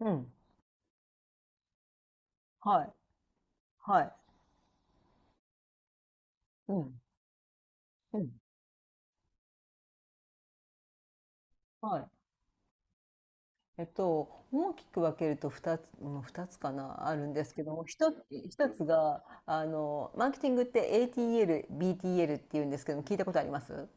うん。はい。はい。うん。うん。はい。大きく分けると2つ、ふたつかな、あるんですけども、1つ、一つが、マーケティングって ATL、BTL って言うんですけども、聞いたことあります？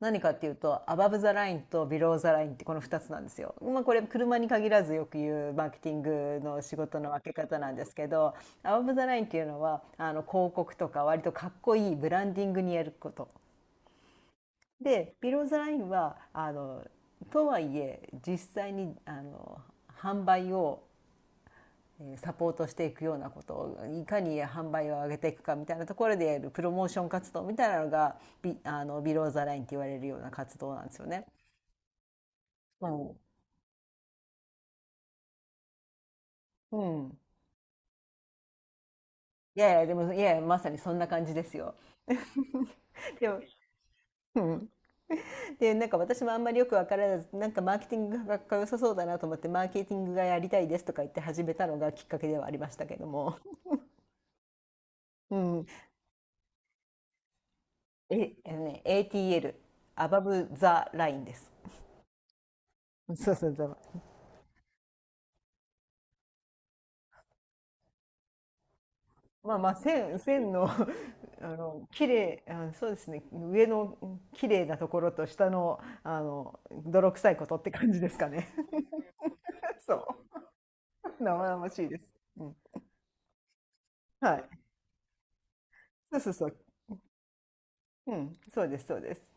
何かっていうと、アバブザラインとビローザラインってこの2つなんですよ。まあこれ車に限らずよく言うマーケティングの仕事の分け方なんですけど、アバブザラインっていうのは、広告とか割とかっこいいブランディングにやること。でビローズラインはとはいえ実際に販売をサポートしていくようなことをいかに販売を上げていくかみたいなところでやるプロモーション活動みたいなのがビあのビローザラインって言われるような活動なんですよね。うん、うん、いやいやでもいやいやまさにそんな感じですよ。でも、うん、でなんか私もあんまりよく分からずなんかマーケティングがかっこよさそうだなと思ってマーケティングがやりたいですとか言って始めたのがきっかけではありましたけども、うん、あのね、ATL、Above the Line です。そうそうそう。まあまあ線の 綺麗あそうですね、上の綺麗なところと下の泥臭いことって感じですかね。 そう、生々しいです、うん、はい、そうそうそう、うん、そうです、そうです、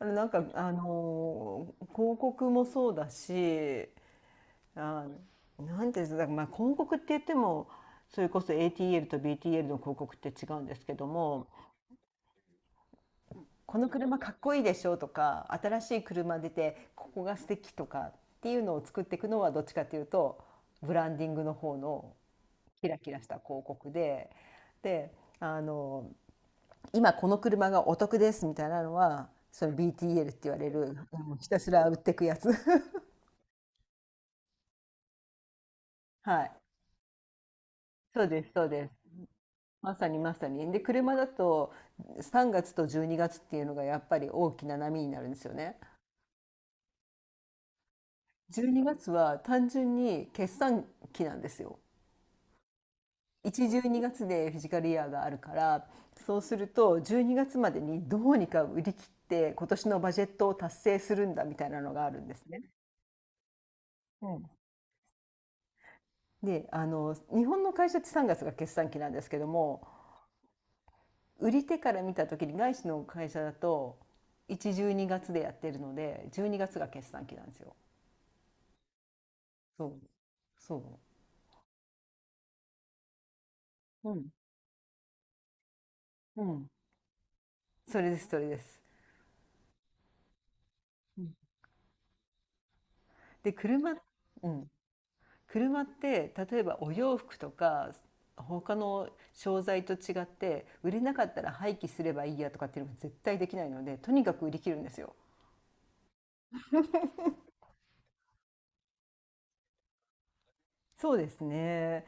なんか広告もそうだし、あ、なんていうんですか、まあ広告って言ってもそれこそ ATL と BTL の広告って違うんですけども、この車かっこいいでしょとか新しい車出てここが素敵とかっていうのを作っていくのはどっちかというとブランディングの方のキラキラした広告で、であの今この車がお得ですみたいなのはその BTL って言われる、うん、ひたすら売ってくやつ。 はい、そうです、そうです、まさにまさに。で、車だと3月と12月っていうのがやっぱり大きな波になるんですよね。12月は単純に決算期なんですよ。1、12月でフィジカルイヤーがあるから、そうすると12月までにどうにか売り切って今年のバジェットを達成するんだみたいなのがあるんですね。うん、で、日本の会社って3月がつが決算期なんですけども、売り手から見た時に外資の会社だと1、12月でやってるので、12月がつが決算期なんですよ。そう、そう。うん、うん。それです、それです。うん、で、車、うん。車って、例えばお洋服とか、他の商材と違って、売れなかったら廃棄すればいいやとかっていうのが絶対できないので、とにかく売り切るんですよ。そうですね。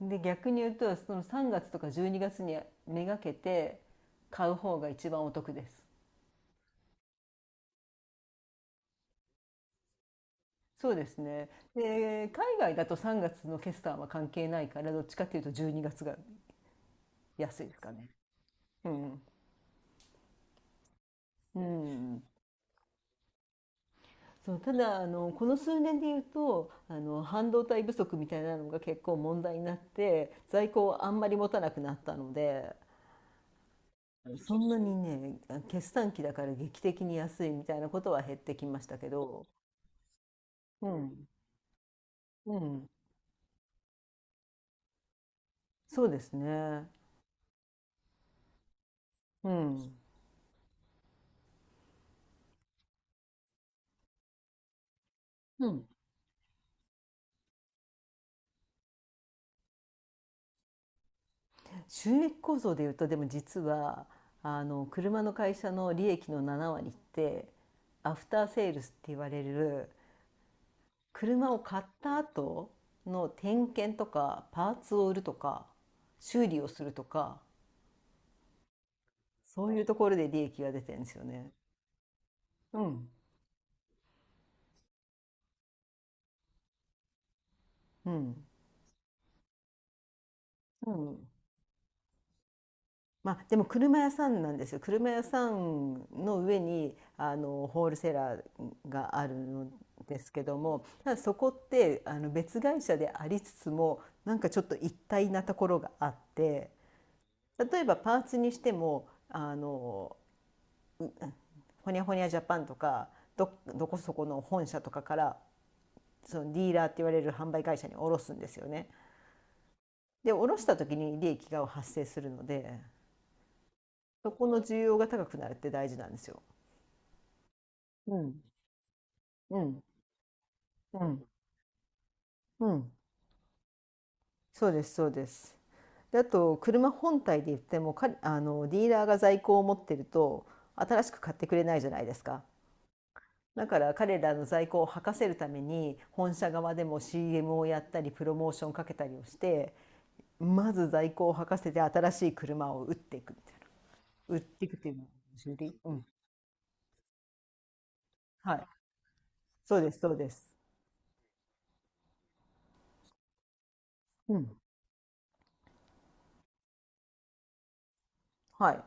で、逆に言うと、その3月とか12月にがつにめがけて買う方が一番お得です。そうですね。で、海外だと3月の決算は関係ないから、どっちかっていうと12月がつが安いですかね。うん、うん、そう、ただこの数年で言うと半導体不足みたいなのが結構問題になって在庫をあんまり持たなくなったので、そんなにね、決算期だから劇的に安いみたいなことは減ってきましたけど、うん、うん、そうですね、うん、うん、収益構造で言うとでも実は車の会社の利益の7割ってアフターセールスって言われる、車を買った後の点検とかパーツを売るとか修理をするとか、そういうところで利益が出てるんですよね。うん、うん、うん、まあ、でも車屋さんなんですよ、車屋さんの上にホールセラーがあるのですけども、ただそこって別会社でありつつもなんかちょっと一体なところがあって、例えばパーツにしてもホニャホニャジャパンとかどこそこの本社とかから、そのディーラーって言われる販売会社に卸すんですよね。で卸した時に利益が発生するので、そこの需要が高くなるって大事なんですよ。うん、うん、うん、うん、そうです、そうです。であと車本体で言ってもかあのディーラーが在庫を持ってると新しく買ってくれないじゃないですか。だから彼らの在庫を吐かせるために本社側でも CM をやったりプロモーションかけたりをして、まず在庫を履かせて新しい車を売っていくみたいな。売っていくっていうのは修理、うん。はい。そうです、そうです。うん。はい。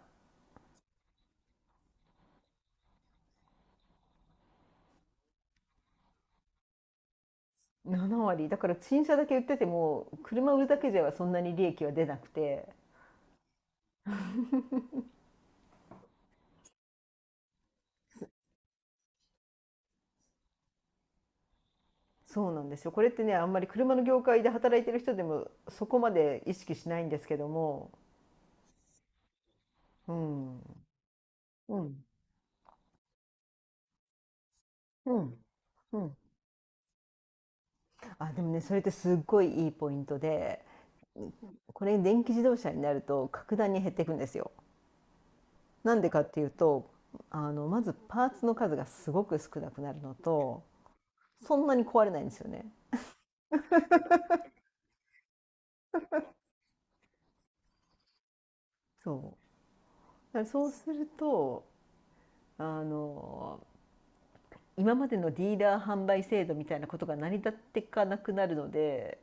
7割。だから新車だけ売ってても、車売るだけではそんなに利益は出なくて、そうなんですよ。これってね、あんまり車の業界で働いてる人でもそこまで意識しないんですけども、うん。うん。うん。うん。あ、でもね、それってすっごいいいポイントで、これ電気自動車になると格段に減っていくんですよ。なんでかっていうとまずパーツの数がすごく少なくなるのと、そんなに壊れないんですよね。そう、だからそうするとあの今までのディーラー販売制度みたいなことが成り立っていかなくなるので、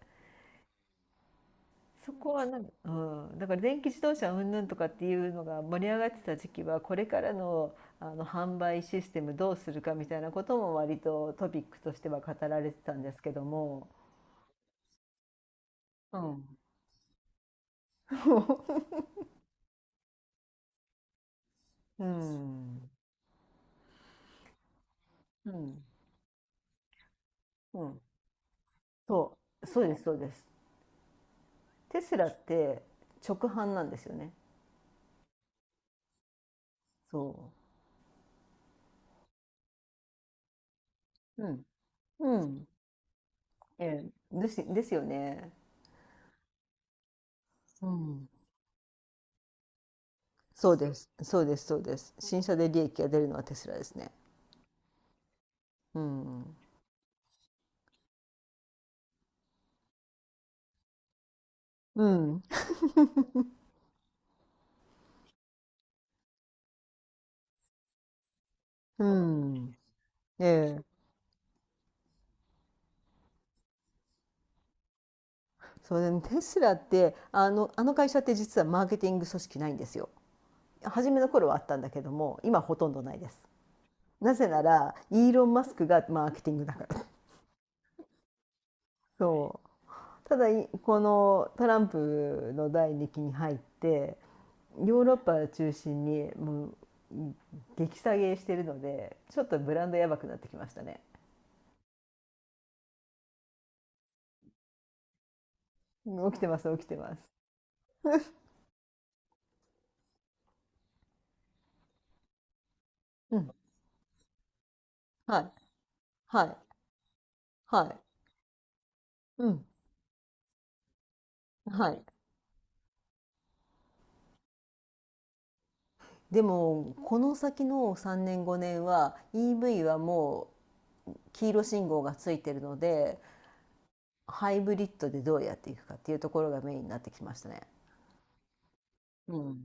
そこはなんか、うん、だから電気自動車云々とかっていうのが盛り上がってた時期は、これからの販売システムどうするかみたいなことも割とトピックとしては語られてたんですけども、うん。 うん、うん、うん、そう、そうです、そうです。テスラって直販なんですよね。そう。うん、うん。ええ、ですよね。うん。そうです、そうです、そうです。新車で利益が出るのはテスラですね。うん。うん。うん。ええ。そうでもテスラって、あの会社って実はマーケティング組織ないんですよ。初めの頃はあったんだけども、今ほとんどないです。なぜなら、イーロン・マスクがマーケティングだから。そう。ただこのトランプの第2期に入ってヨーロッパを中心にもう激下げしてるので、ちょっとブランドやばくなってきましたね。うん、起きてます、起きてます。うん、はい、はい、はい、うん、はい。でもこの先の3年5年は EV はもう黄色信号がついてるので、ハイブリッドでどうやっていくかっていうところがメインになってきましたね。うん。